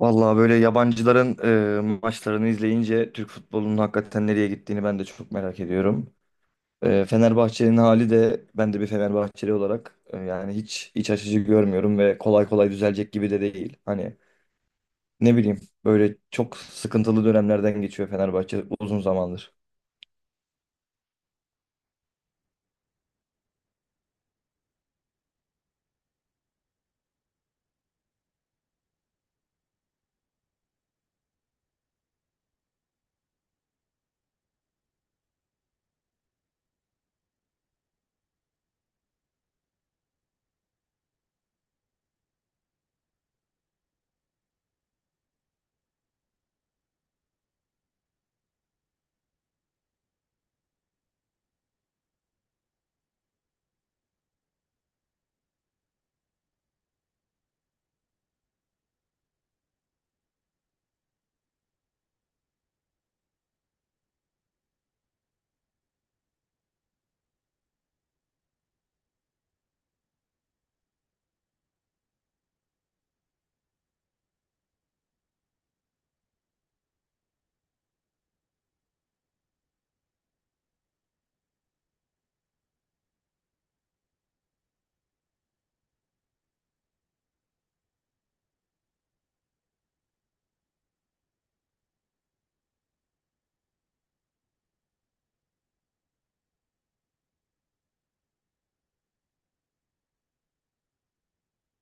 Vallahi böyle yabancıların maçlarını izleyince Türk futbolunun hakikaten nereye gittiğini ben de çok merak ediyorum. E, Fenerbahçe'nin hali de ben de bir Fenerbahçeli olarak yani hiç iç açıcı görmüyorum ve kolay kolay düzelecek gibi de değil. Hani ne bileyim böyle çok sıkıntılı dönemlerden geçiyor Fenerbahçe uzun zamandır.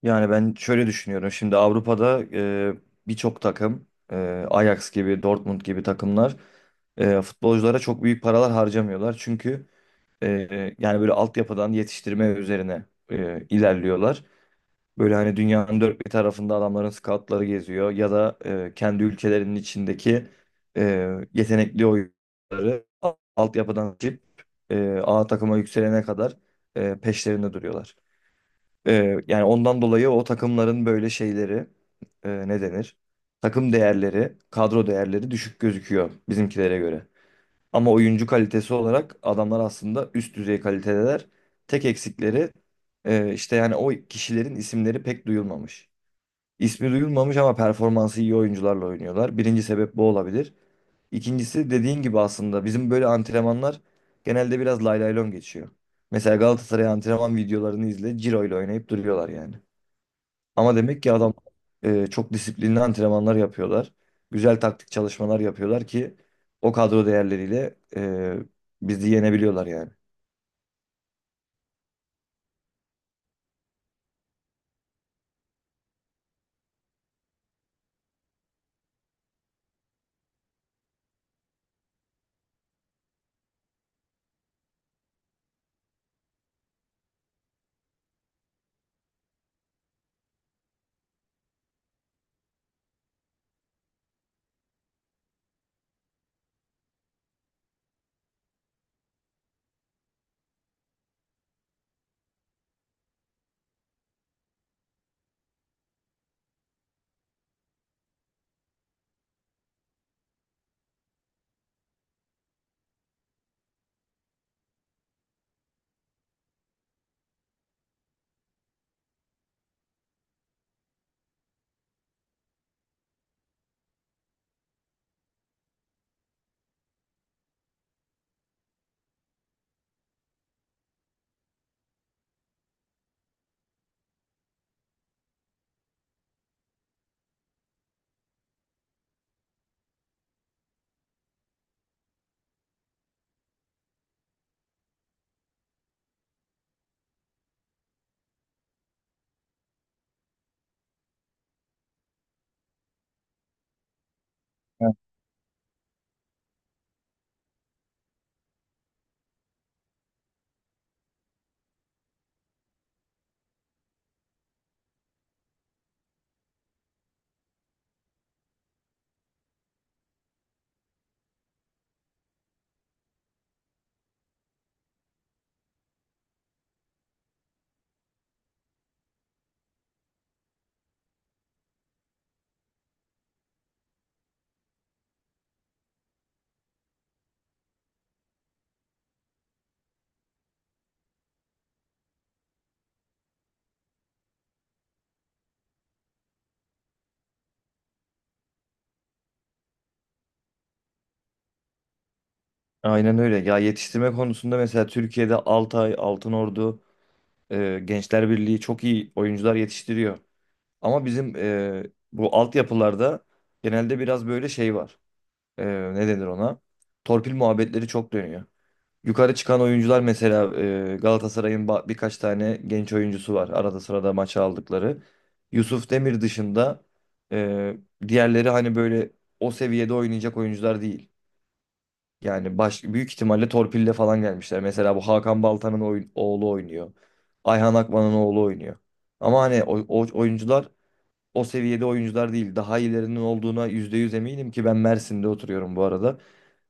Yani ben şöyle düşünüyorum şimdi Avrupa'da birçok takım e, Ajax gibi Dortmund gibi takımlar futbolculara çok büyük paralar harcamıyorlar. Çünkü yani böyle altyapıdan yetiştirme üzerine ilerliyorlar. Böyle hani dünyanın dört bir tarafında adamların scoutları geziyor ya da kendi ülkelerinin içindeki e, yetenekli oyuncuları altyapıdan seçip A takıma yükselene kadar peşlerinde duruyorlar. E, yani ondan dolayı o takımların böyle şeyleri ne denir? Takım değerleri, kadro değerleri düşük gözüküyor bizimkilere göre. Ama oyuncu kalitesi olarak adamlar aslında üst düzey kalitedeler. Tek eksikleri işte yani o kişilerin isimleri pek duyulmamış. İsmi duyulmamış ama performansı iyi oyuncularla oynuyorlar. Birinci sebep bu olabilir. İkincisi dediğin gibi aslında bizim böyle antrenmanlar genelde biraz lay lay lon geçiyor. Mesela Galatasaray antrenman videolarını izle, Ciro ile oynayıp duruyorlar yani. Ama demek ki adam çok disiplinli antrenmanlar yapıyorlar. Güzel taktik çalışmalar yapıyorlar ki o kadro değerleriyle bizi yenebiliyorlar yani. Evet. Aynen öyle. Ya yetiştirme konusunda mesela Türkiye'de Altay, Altınordu, Gençler Birliği çok iyi oyuncular yetiştiriyor. Ama bizim bu altyapılarda genelde biraz böyle şey var. Ne denir ona? Torpil muhabbetleri çok dönüyor. Yukarı çıkan oyuncular mesela Galatasaray'ın birkaç tane genç oyuncusu var. Arada sırada maça aldıkları. Yusuf Demir dışında e, diğerleri hani böyle o seviyede oynayacak oyuncular değil. Yani büyük ihtimalle torpille falan gelmişler. Mesela bu Hakan Baltan'ın oğlu oynuyor. Ayhan Akman'ın oğlu oynuyor. Ama hani o oyuncular o seviyede oyuncular değil. Daha iyilerinin olduğuna %100 eminim ki ben Mersin'de oturuyorum bu arada.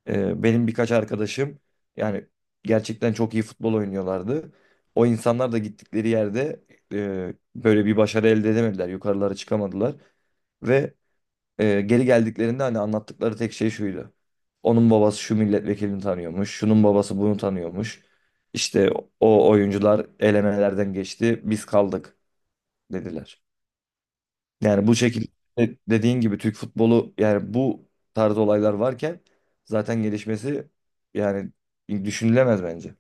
Benim birkaç arkadaşım yani gerçekten çok iyi futbol oynuyorlardı. O insanlar da gittikleri yerde böyle bir başarı elde edemediler. Yukarılara çıkamadılar. Ve geri geldiklerinde hani anlattıkları tek şey şuydu. Onun babası şu milletvekilini tanıyormuş. Şunun babası bunu tanıyormuş. İşte o oyuncular elemelerden geçti. Biz kaldık dediler. Yani bu şekilde dediğin gibi Türk futbolu yani bu tarz olaylar varken zaten gelişmesi yani düşünülemez bence.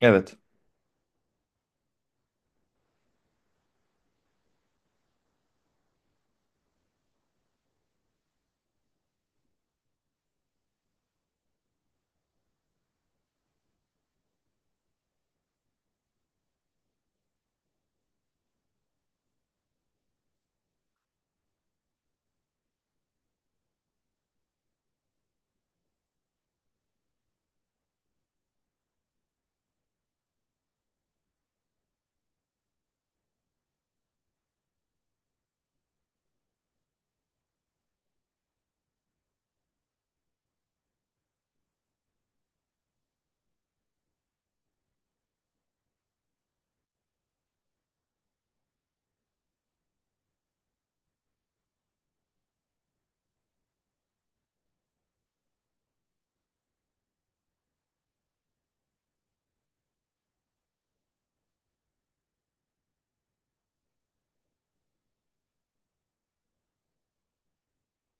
Evet.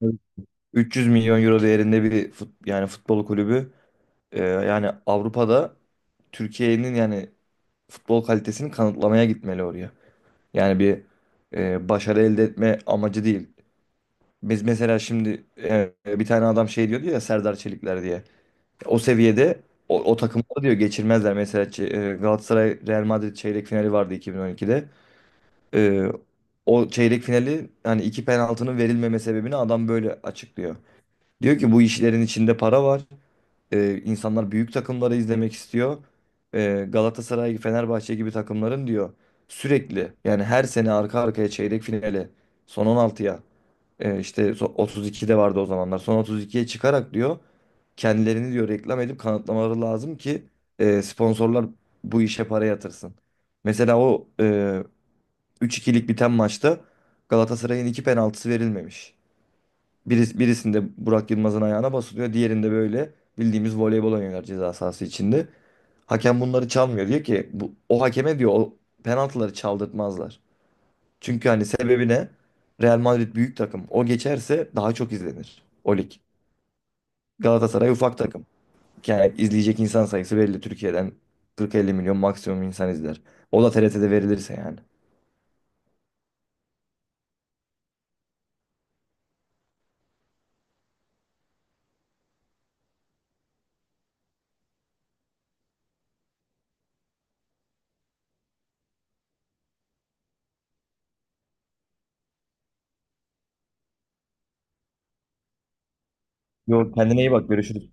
Evet. 300 milyon euro değerinde bir yani futbol kulübü yani Avrupa'da Türkiye'nin yani futbol kalitesini kanıtlamaya gitmeli oraya. Yani bir başarı elde etme amacı değil. Biz mesela şimdi bir tane adam şey diyordu ya Serdar Çelikler diye. O seviyede o takımları diyor geçirmezler. Mesela Galatasaray Real Madrid çeyrek finali vardı 2012'de. E, o çeyrek finali hani iki penaltının verilmeme sebebini adam böyle açıklıyor. Diyor ki bu işlerin içinde para var. E, insanlar büyük takımları izlemek istiyor. E, Galatasaray, Fenerbahçe gibi takımların diyor sürekli yani her sene arka arkaya çeyrek finale son 16'ya işte 32'de vardı o zamanlar. Son 32'ye çıkarak diyor kendilerini diyor reklam edip kanıtlamaları lazım ki sponsorlar bu işe para yatırsın. Mesela o 3-2'lik biten maçta Galatasaray'ın iki penaltısı verilmemiş. Birisinde Burak Yılmaz'ın ayağına basılıyor. Diğerinde böyle bildiğimiz voleybol oynuyorlar ceza sahası içinde. Hakem bunları çalmıyor. Diyor ki o hakeme diyor o penaltıları çaldırtmazlar. Çünkü hani sebebi ne? Real Madrid büyük takım. O geçerse daha çok izlenir o lig. Galatasaray ufak takım. Yani izleyecek insan sayısı belli. Türkiye'den 40-50 milyon maksimum insan izler. O da TRT'de verilirse yani. Yok, kendine iyi bak, görüşürüz.